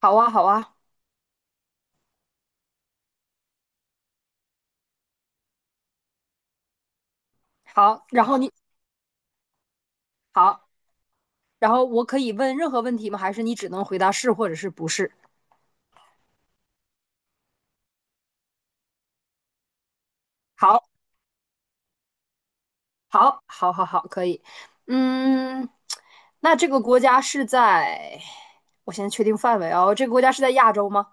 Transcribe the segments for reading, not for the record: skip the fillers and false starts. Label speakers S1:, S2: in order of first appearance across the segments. S1: 好啊，好啊，好。然后你好，然后我可以问任何问题吗？还是你只能回答是或者是不是？好，好，好，好，好，可以。嗯，那这个国家是在，我先确定范围哦。这个国家是在亚洲吗？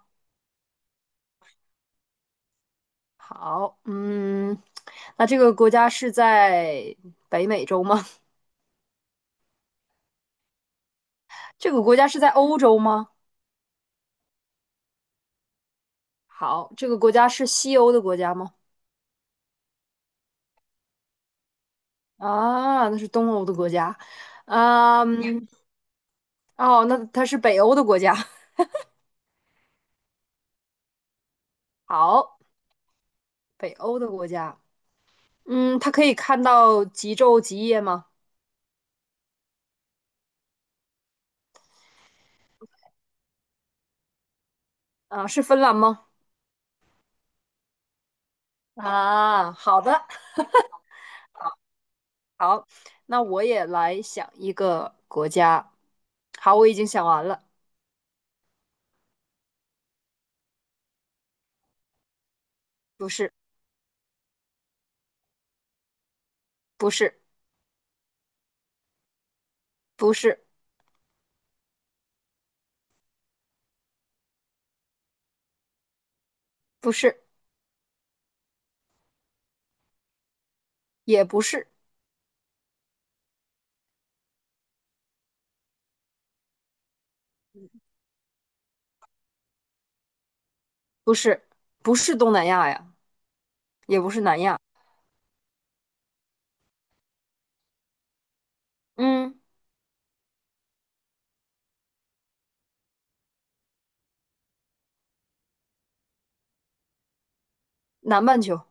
S1: 好，嗯，那这个国家是在北美洲吗？这个国家是在欧洲吗？好，这个国家是西欧的国家吗？啊，那是东欧的国家。嗯，哦，那它是北欧的国家。好，北欧的国家，嗯，他可以看到极昼极夜吗？啊，是芬兰吗？啊，好的，好，那我也来想一个国家。好，我已经想完了。不是，不是，不是，不是，也不是，不是，不是东南亚呀，也不是南亚。嗯，南半球。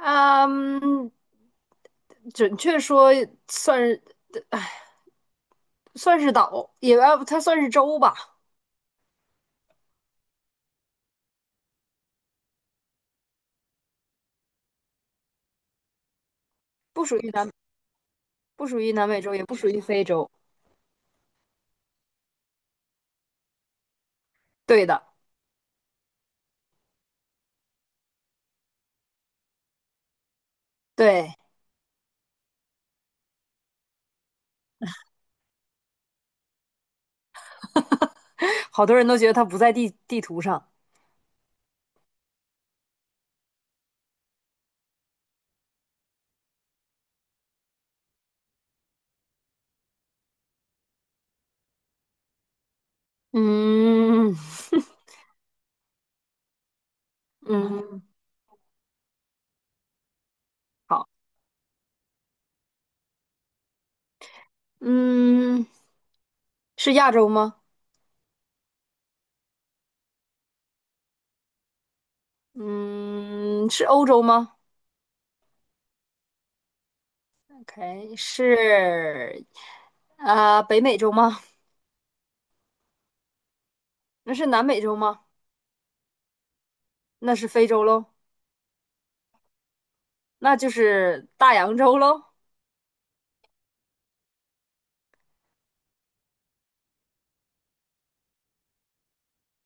S1: 啊嗯，准确说算是岛，也要它算是洲吧。不属于南。不属于南美洲，也不属于非洲。对的。对，好多人都觉得它不在地图上。嗯嗯，好，嗯，是亚洲吗？嗯，是欧洲吗？OK，是北美洲吗？那是南美洲吗？那是非洲喽，那就是大洋洲喽。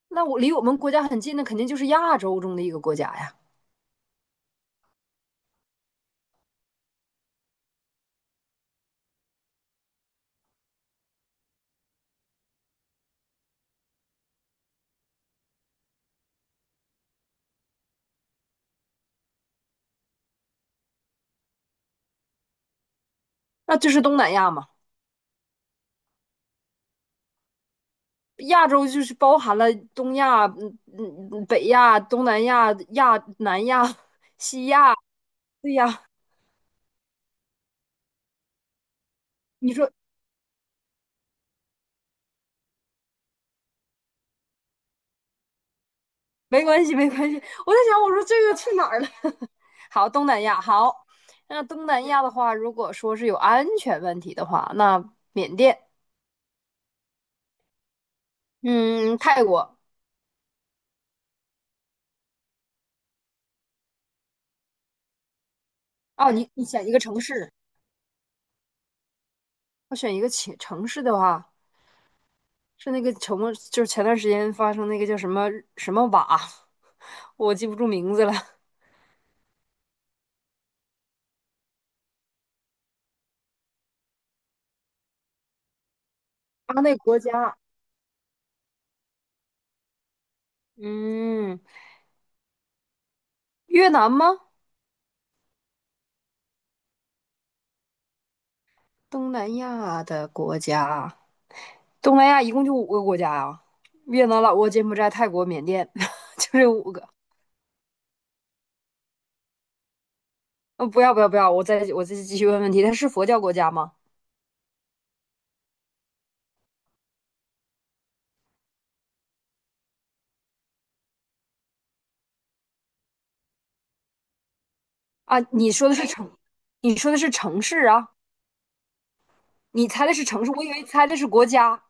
S1: 那我离我们国家很近的，肯定就是亚洲中的一个国家呀，那就是东南亚嘛。亚洲就是包含了东亚、北亚、东南亚、亚南亚、西亚。对呀，你说没关系没关系，我在想我说这个去哪儿了？好，东南亚好。那东南亚的话，如果说是有安全问题的话，那缅甸，嗯，泰国。哦，你选一个城市，我选一个城市的话。是那个城，就是前段时间发生那个叫什么什么瓦，我记不住名字了。他那个国家，嗯。越南吗？东南亚的国家，东南亚一共就五个国家啊，越南、老挝、柬埔寨、泰国、缅甸，就这五个。呃，不要，我再继续问问题，它是佛教国家吗？啊，你说的是城，你说的是城市啊？你猜的是城市，我以为猜的是国家。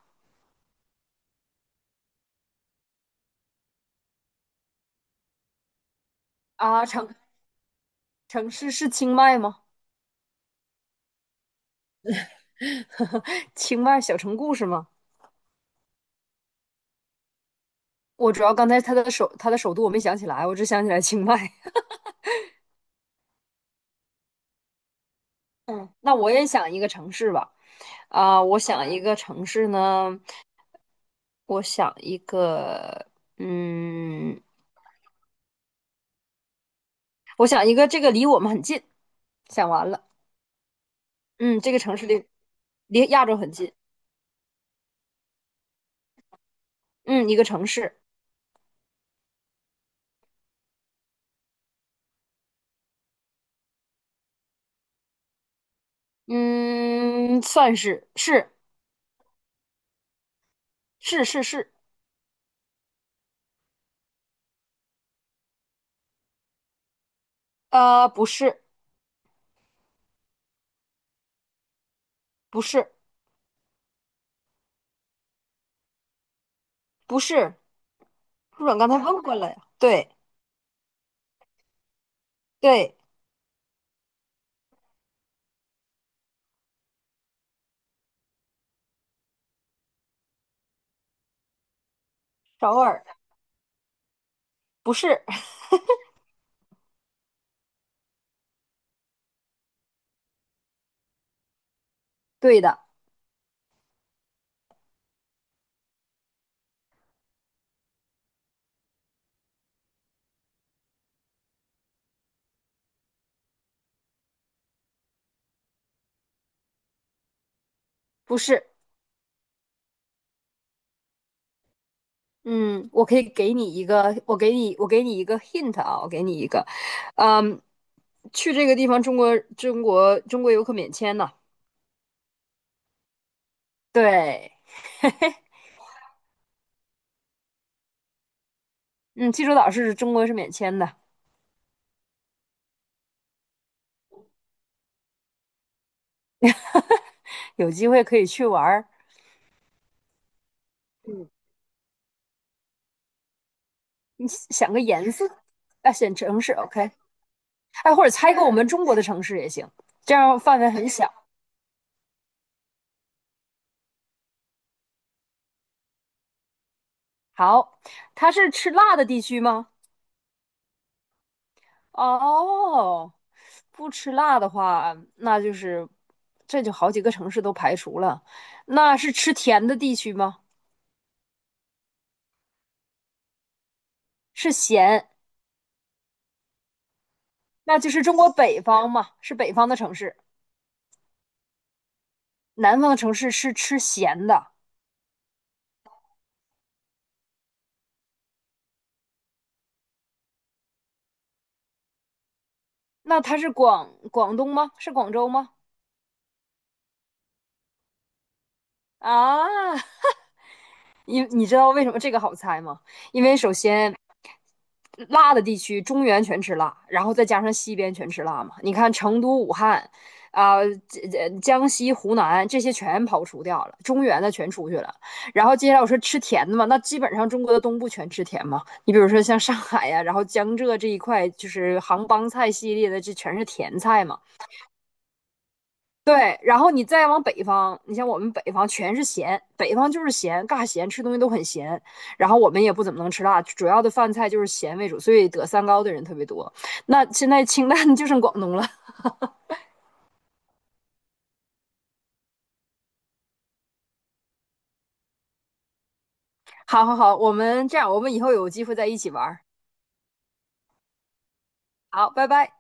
S1: 啊。城城市是清迈吗？清迈小城故事吗？我主要刚才它的首都我没想起来，我只想起来清迈。嗯，那我也想一个城市吧。啊，我想一个城市呢，我想一个，嗯，我想一个，这个离我们很近。想完了，嗯，这个城市离亚洲很近，嗯，一个城市，嗯，算是是。不是不是不是，不是我刚才问过了呀，对对，首尔不是。对的，不是，嗯，我可以给你一个，我给你，我给你一个 hint 啊，我给你一个，嗯，去这个地方，中国游客免签呢、对，嗯，济州岛是中国是免签的。有机会可以去玩儿。你想个颜色，啊，选城市，OK，哎，或者猜个我们中国的城市也行，这样范围很小。好，它是吃辣的地区吗？哦，不吃辣的话，那就是这就好几个城市都排除了。那是吃甜的地区吗？是咸，那就是中国北方嘛，是北方的城市。南方的城市是吃咸的，那它是广东吗？是广州吗？啊，因你知道为什么这个好猜吗？因为首先，辣的地区中原全吃辣，然后再加上西边全吃辣嘛。你看成都、武汉，这江西、湖南这些全刨除掉了，中原的全出去了。然后接下来我说吃甜的嘛，那基本上中国的东部全吃甜嘛。你比如说像上海呀、然后江浙这一块，就是杭帮菜系列的，这全是甜菜嘛。对，然后你再往北方，你像我们北方全是咸，北方就是咸，尬咸，吃东西都很咸。然后我们也不怎么能吃辣，主要的饭菜就是咸为主，所以得三高的人特别多。那现在清淡就剩广东了。好好好，我们这样，我们以后有机会再一起玩儿。好，拜拜。